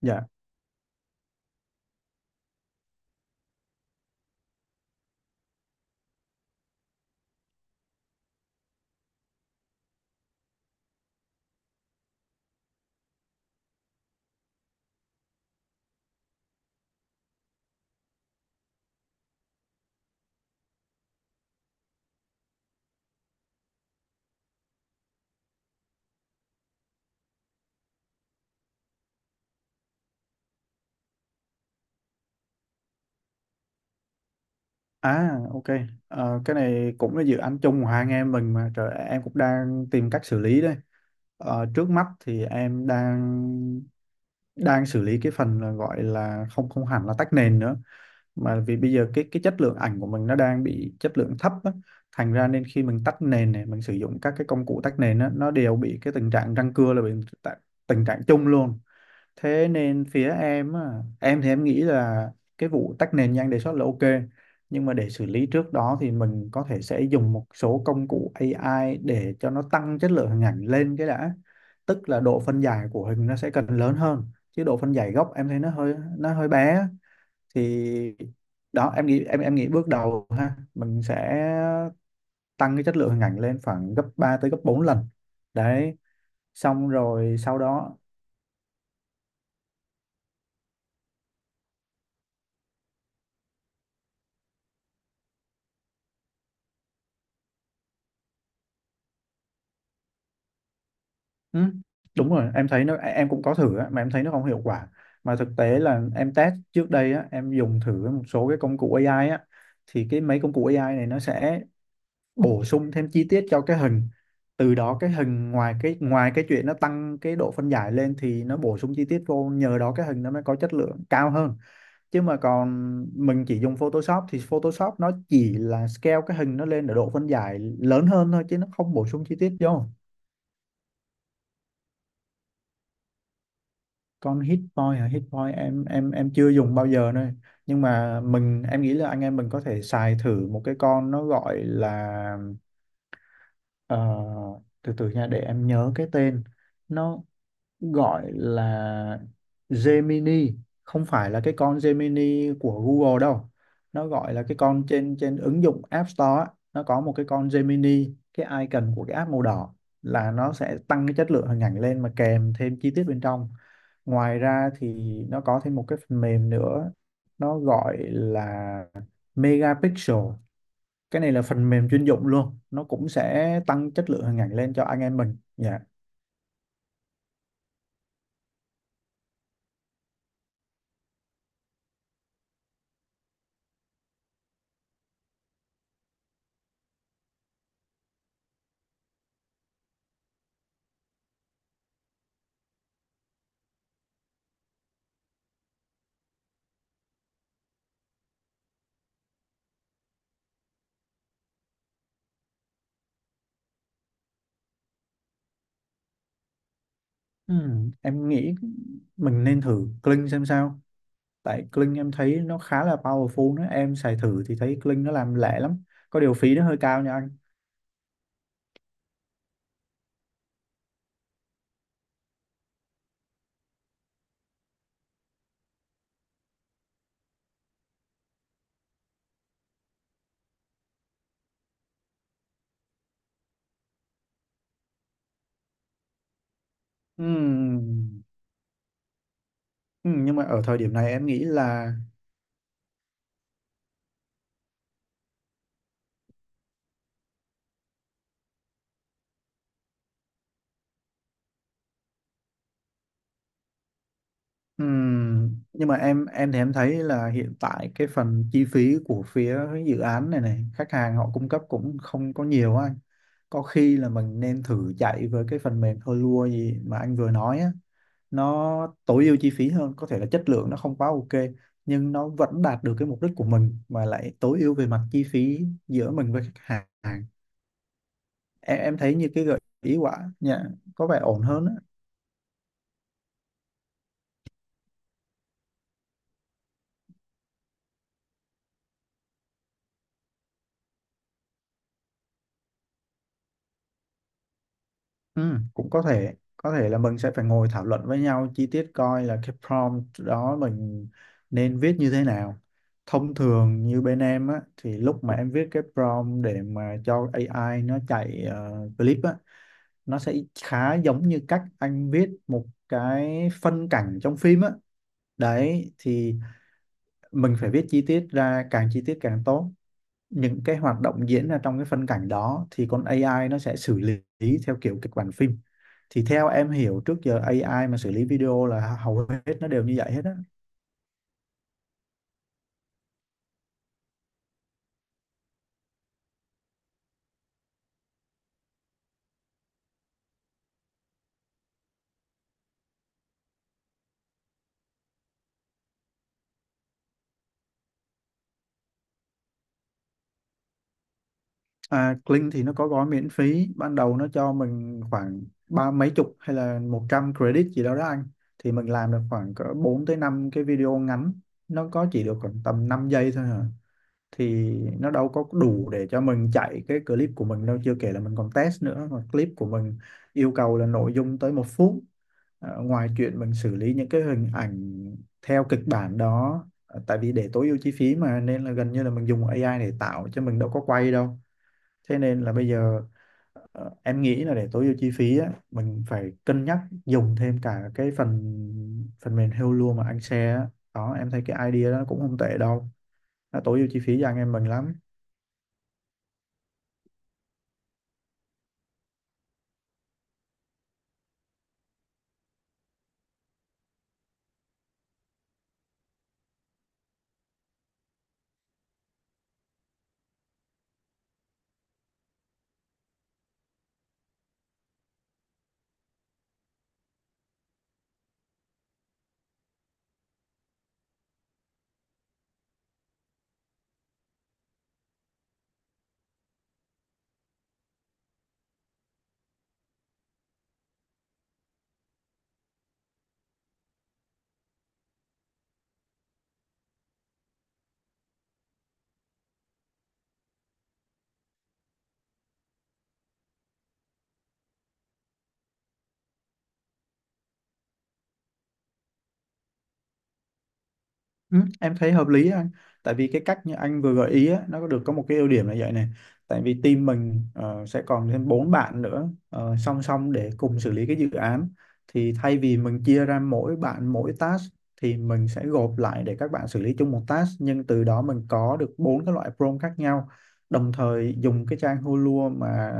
Dạ. À, ok. Ờ, cái này cũng là dự án chung của hai anh em mình mà trời, em cũng đang tìm cách xử lý đây. Trước mắt thì em đang đang xử lý cái phần là gọi là không, không hẳn là tách nền nữa, mà vì bây giờ cái chất lượng ảnh của mình nó đang bị chất lượng thấp á. Thành ra nên khi mình tách nền này, mình sử dụng các cái công cụ tách nền á, nó đều bị cái tình trạng răng cưa, là bị tạ- tình trạng chung luôn. Thế nên phía em á, em thì em nghĩ là cái vụ tách nền như anh đề xuất là ok, nhưng mà để xử lý trước đó thì mình có thể sẽ dùng một số công cụ AI để cho nó tăng chất lượng hình ảnh lên cái đã. Tức là độ phân giải của hình nó sẽ cần lớn hơn, chứ độ phân giải gốc em thấy nó hơi bé á. Thì đó, em nghĩ, em nghĩ bước đầu ha, mình sẽ tăng cái chất lượng hình ảnh lên khoảng gấp 3 tới gấp 4 lần đấy, xong rồi sau đó. Ừ, đúng rồi, em thấy nó, em cũng có thử á, mà em thấy nó không hiệu quả. Mà thực tế là em test trước đây á, em dùng thử một số cái công cụ AI á, thì cái mấy công cụ AI này nó sẽ bổ sung thêm chi tiết cho cái hình, từ đó cái hình, ngoài cái chuyện nó tăng cái độ phân giải lên thì nó bổ sung chi tiết vô, nhờ đó cái hình nó mới có chất lượng cao hơn. Chứ mà còn mình chỉ dùng Photoshop thì Photoshop nó chỉ là scale cái hình nó lên ở độ phân giải lớn hơn thôi, chứ nó không bổ sung chi tiết vô. Con hit boy hả? Hit boy em chưa dùng bao giờ nữa. Nhưng mà mình, em nghĩ là anh em mình có thể xài thử một cái con, nó gọi là ờ, từ từ nha, để em nhớ cái tên. Nó gọi là Gemini, không phải là cái con Gemini của Google đâu. Nó gọi là cái con trên, trên ứng dụng App Store á, nó có một cái con Gemini, cái icon của cái app màu đỏ, là nó sẽ tăng cái chất lượng hình ảnh lên mà kèm thêm chi tiết bên trong. Ngoài ra thì nó có thêm một cái phần mềm nữa, nó gọi là Megapixel. Cái này là phần mềm chuyên dụng luôn, nó cũng sẽ tăng chất lượng hình ảnh lên cho anh em mình. Dạ. Em nghĩ mình nên thử Kling xem sao. Tại Kling em thấy nó khá là powerful đó, em xài thử thì thấy Kling nó làm lẹ lắm, có điều phí nó hơi cao nha anh. Ừm, nhưng mà ở thời điểm này em nghĩ là nhưng mà em thì em thấy là hiện tại cái phần chi phí của phía dự án này này khách hàng họ cung cấp cũng không có nhiều á anh. Có khi là mình nên thử chạy với cái phần mềm Helua gì mà anh vừa nói á, nó tối ưu chi phí hơn, có thể là chất lượng nó không quá ok, nhưng nó vẫn đạt được cái mục đích của mình, mà lại tối ưu về mặt chi phí giữa mình với khách hàng. Em thấy như cái gợi ý quả nhà có vẻ ổn hơn á. Ừ, cũng có thể là mình sẽ phải ngồi thảo luận với nhau chi tiết coi là cái prompt đó mình nên viết như thế nào. Thông thường như bên em á, thì lúc mà em viết cái prompt để mà cho AI nó chạy clip á, nó sẽ khá giống như cách anh viết một cái phân cảnh trong phim á. Đấy thì mình phải viết chi tiết ra, càng chi tiết càng tốt, những cái hoạt động diễn ra trong cái phân cảnh đó thì con AI nó sẽ xử lý theo kiểu kịch bản phim. Thì theo em hiểu, trước giờ AI mà xử lý video là hầu hết nó đều như vậy hết á. À, Kling thì nó có gói miễn phí ban đầu, nó cho mình khoảng ba mấy chục hay là 100 credit gì đó đó anh, thì mình làm được khoảng cỡ 4 tới 5 cái video ngắn. Nó có chỉ được khoảng tầm 5 giây thôi hả? Thì nó đâu có đủ để cho mình chạy cái clip của mình đâu, chưa kể là mình còn test nữa, mà clip của mình yêu cầu là nội dung tới 1 phút. Ờ, ngoài chuyện mình xử lý những cái hình ảnh theo kịch bản đó, tại vì để tối ưu chi phí mà, nên là gần như là mình dùng AI để tạo chứ mình đâu có quay đâu. Thế nên là bây giờ em nghĩ là để tối ưu chi phí á, mình phải cân nhắc dùng thêm cả cái phần phần mềm Hello mà anh share á. Đó, em thấy cái idea đó cũng không tệ đâu, nó tối ưu chi phí cho anh em mình lắm. Ừ, em thấy hợp lý anh, tại vì cái cách như anh vừa gợi ý á, nó có được có một cái ưu điểm là vậy này. Tại vì team mình sẽ còn thêm bốn bạn nữa, song song để cùng xử lý cái dự án, thì thay vì mình chia ra mỗi bạn mỗi task, thì mình sẽ gộp lại để các bạn xử lý chung một task, nhưng từ đó mình có được bốn cái loại prompt khác nhau. Đồng thời dùng cái trang Hulu mà,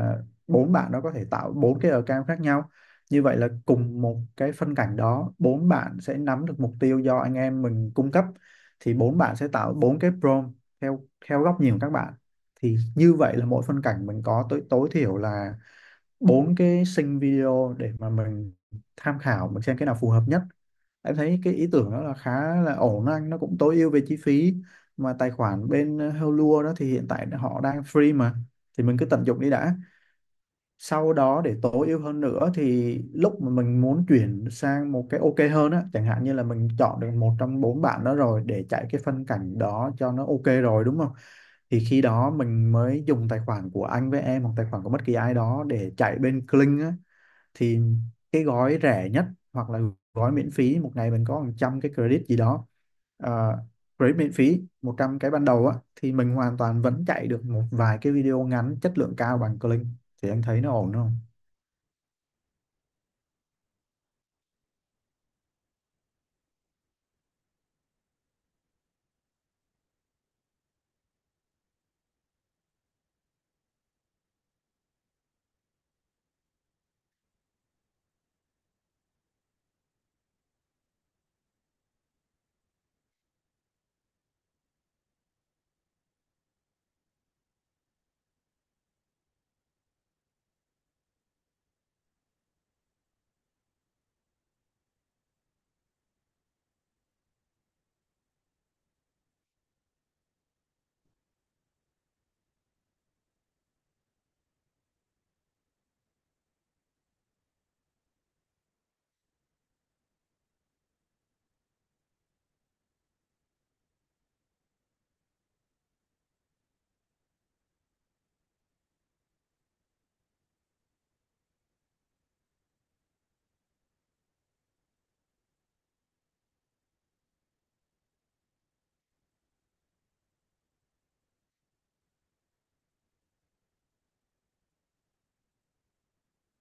bốn bạn đó có thể tạo bốn cái account khác nhau. Như vậy là cùng một cái phân cảnh đó, bốn bạn sẽ nắm được mục tiêu do anh em mình cung cấp, thì bốn bạn sẽ tạo bốn cái prompt theo theo góc nhìn của các bạn. Thì như vậy là mỗi phân cảnh mình có tối tối thiểu là bốn cái sync video để mà mình tham khảo, mình xem cái nào phù hợp nhất. Em thấy cái ý tưởng đó là khá là ổn anh, nó cũng tối ưu về chi phí, mà tài khoản bên Helua đó thì hiện tại họ đang free mà, thì mình cứ tận dụng đi đã. Sau đó để tối ưu hơn nữa thì lúc mà mình muốn chuyển sang một cái ok hơn á, chẳng hạn như là mình chọn được một trong bốn bạn đó rồi để chạy cái phân cảnh đó cho nó ok rồi, đúng không? Thì khi đó mình mới dùng tài khoản của anh với em, hoặc tài khoản của bất kỳ ai đó, để chạy bên Kling á, thì cái gói rẻ nhất hoặc là gói miễn phí một ngày mình có hàng trăm cái credit gì đó. ờ, Credit miễn phí 100 cái ban đầu á, thì mình hoàn toàn vẫn chạy được một vài cái video ngắn chất lượng cao bằng Kling. Thì anh thấy nó ổn không?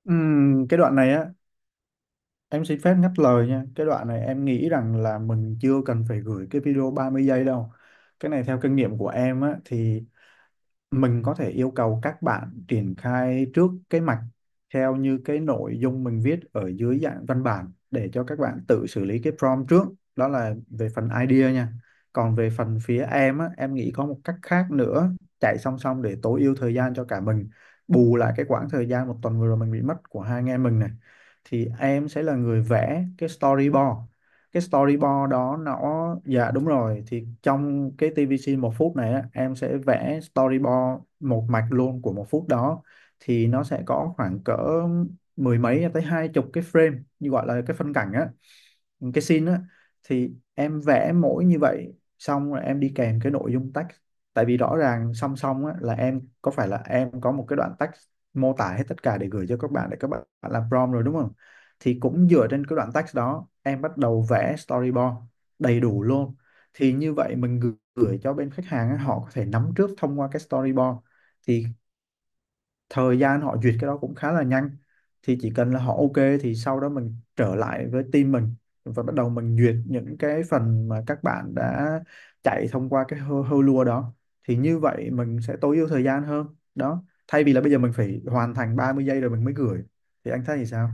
Cái đoạn này á, em xin phép ngắt lời nha. Cái đoạn này em nghĩ rằng là mình chưa cần phải gửi cái video 30 giây đâu. Cái này theo kinh nghiệm của em á, thì mình có thể yêu cầu các bạn triển khai trước cái mạch theo như cái nội dung mình viết ở dưới dạng văn bản, để cho các bạn tự xử lý cái prompt trước. Đó là về phần idea nha. Còn về phần phía em á, em nghĩ có một cách khác nữa, chạy song song để tối ưu thời gian cho cả mình, bù lại cái quãng thời gian 1 tuần vừa rồi mình bị mất của hai anh em mình này. Thì em sẽ là người vẽ cái storyboard. Cái storyboard đó nó, dạ đúng rồi, thì trong cái TVC 1 phút này á, em sẽ vẽ storyboard một mạch luôn của 1 phút đó. Thì nó sẽ có khoảng cỡ mười mấy tới hai chục cái frame, như gọi là cái phân cảnh á, cái scene á. Thì em vẽ mỗi như vậy, xong rồi em đi kèm cái nội dung text. Tại vì rõ ràng song song á, là em có, phải là em có một cái đoạn text mô tả hết tất cả để gửi cho các bạn để các bạn làm prompt rồi đúng không? Thì cũng dựa trên cái đoạn text đó em bắt đầu vẽ storyboard đầy đủ luôn. Thì như vậy mình gửi gửi cho bên khách hàng á, họ có thể nắm trước thông qua cái storyboard, thì thời gian họ duyệt cái đó cũng khá là nhanh. Thì chỉ cần là họ ok, thì sau đó mình trở lại với team mình, và bắt đầu mình duyệt những cái phần mà các bạn đã chạy thông qua cái hơ lua đó. Thì như vậy mình sẽ tối ưu thời gian hơn. Đó, thay vì là bây giờ mình phải hoàn thành 30 giây rồi mình mới gửi. Thì anh thấy thì sao?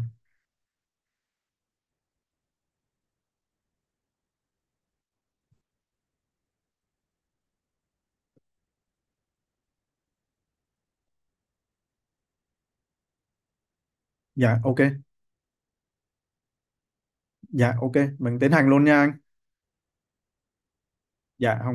Dạ ok. Dạ ok, mình tiến hành luôn nha anh. Dạ không.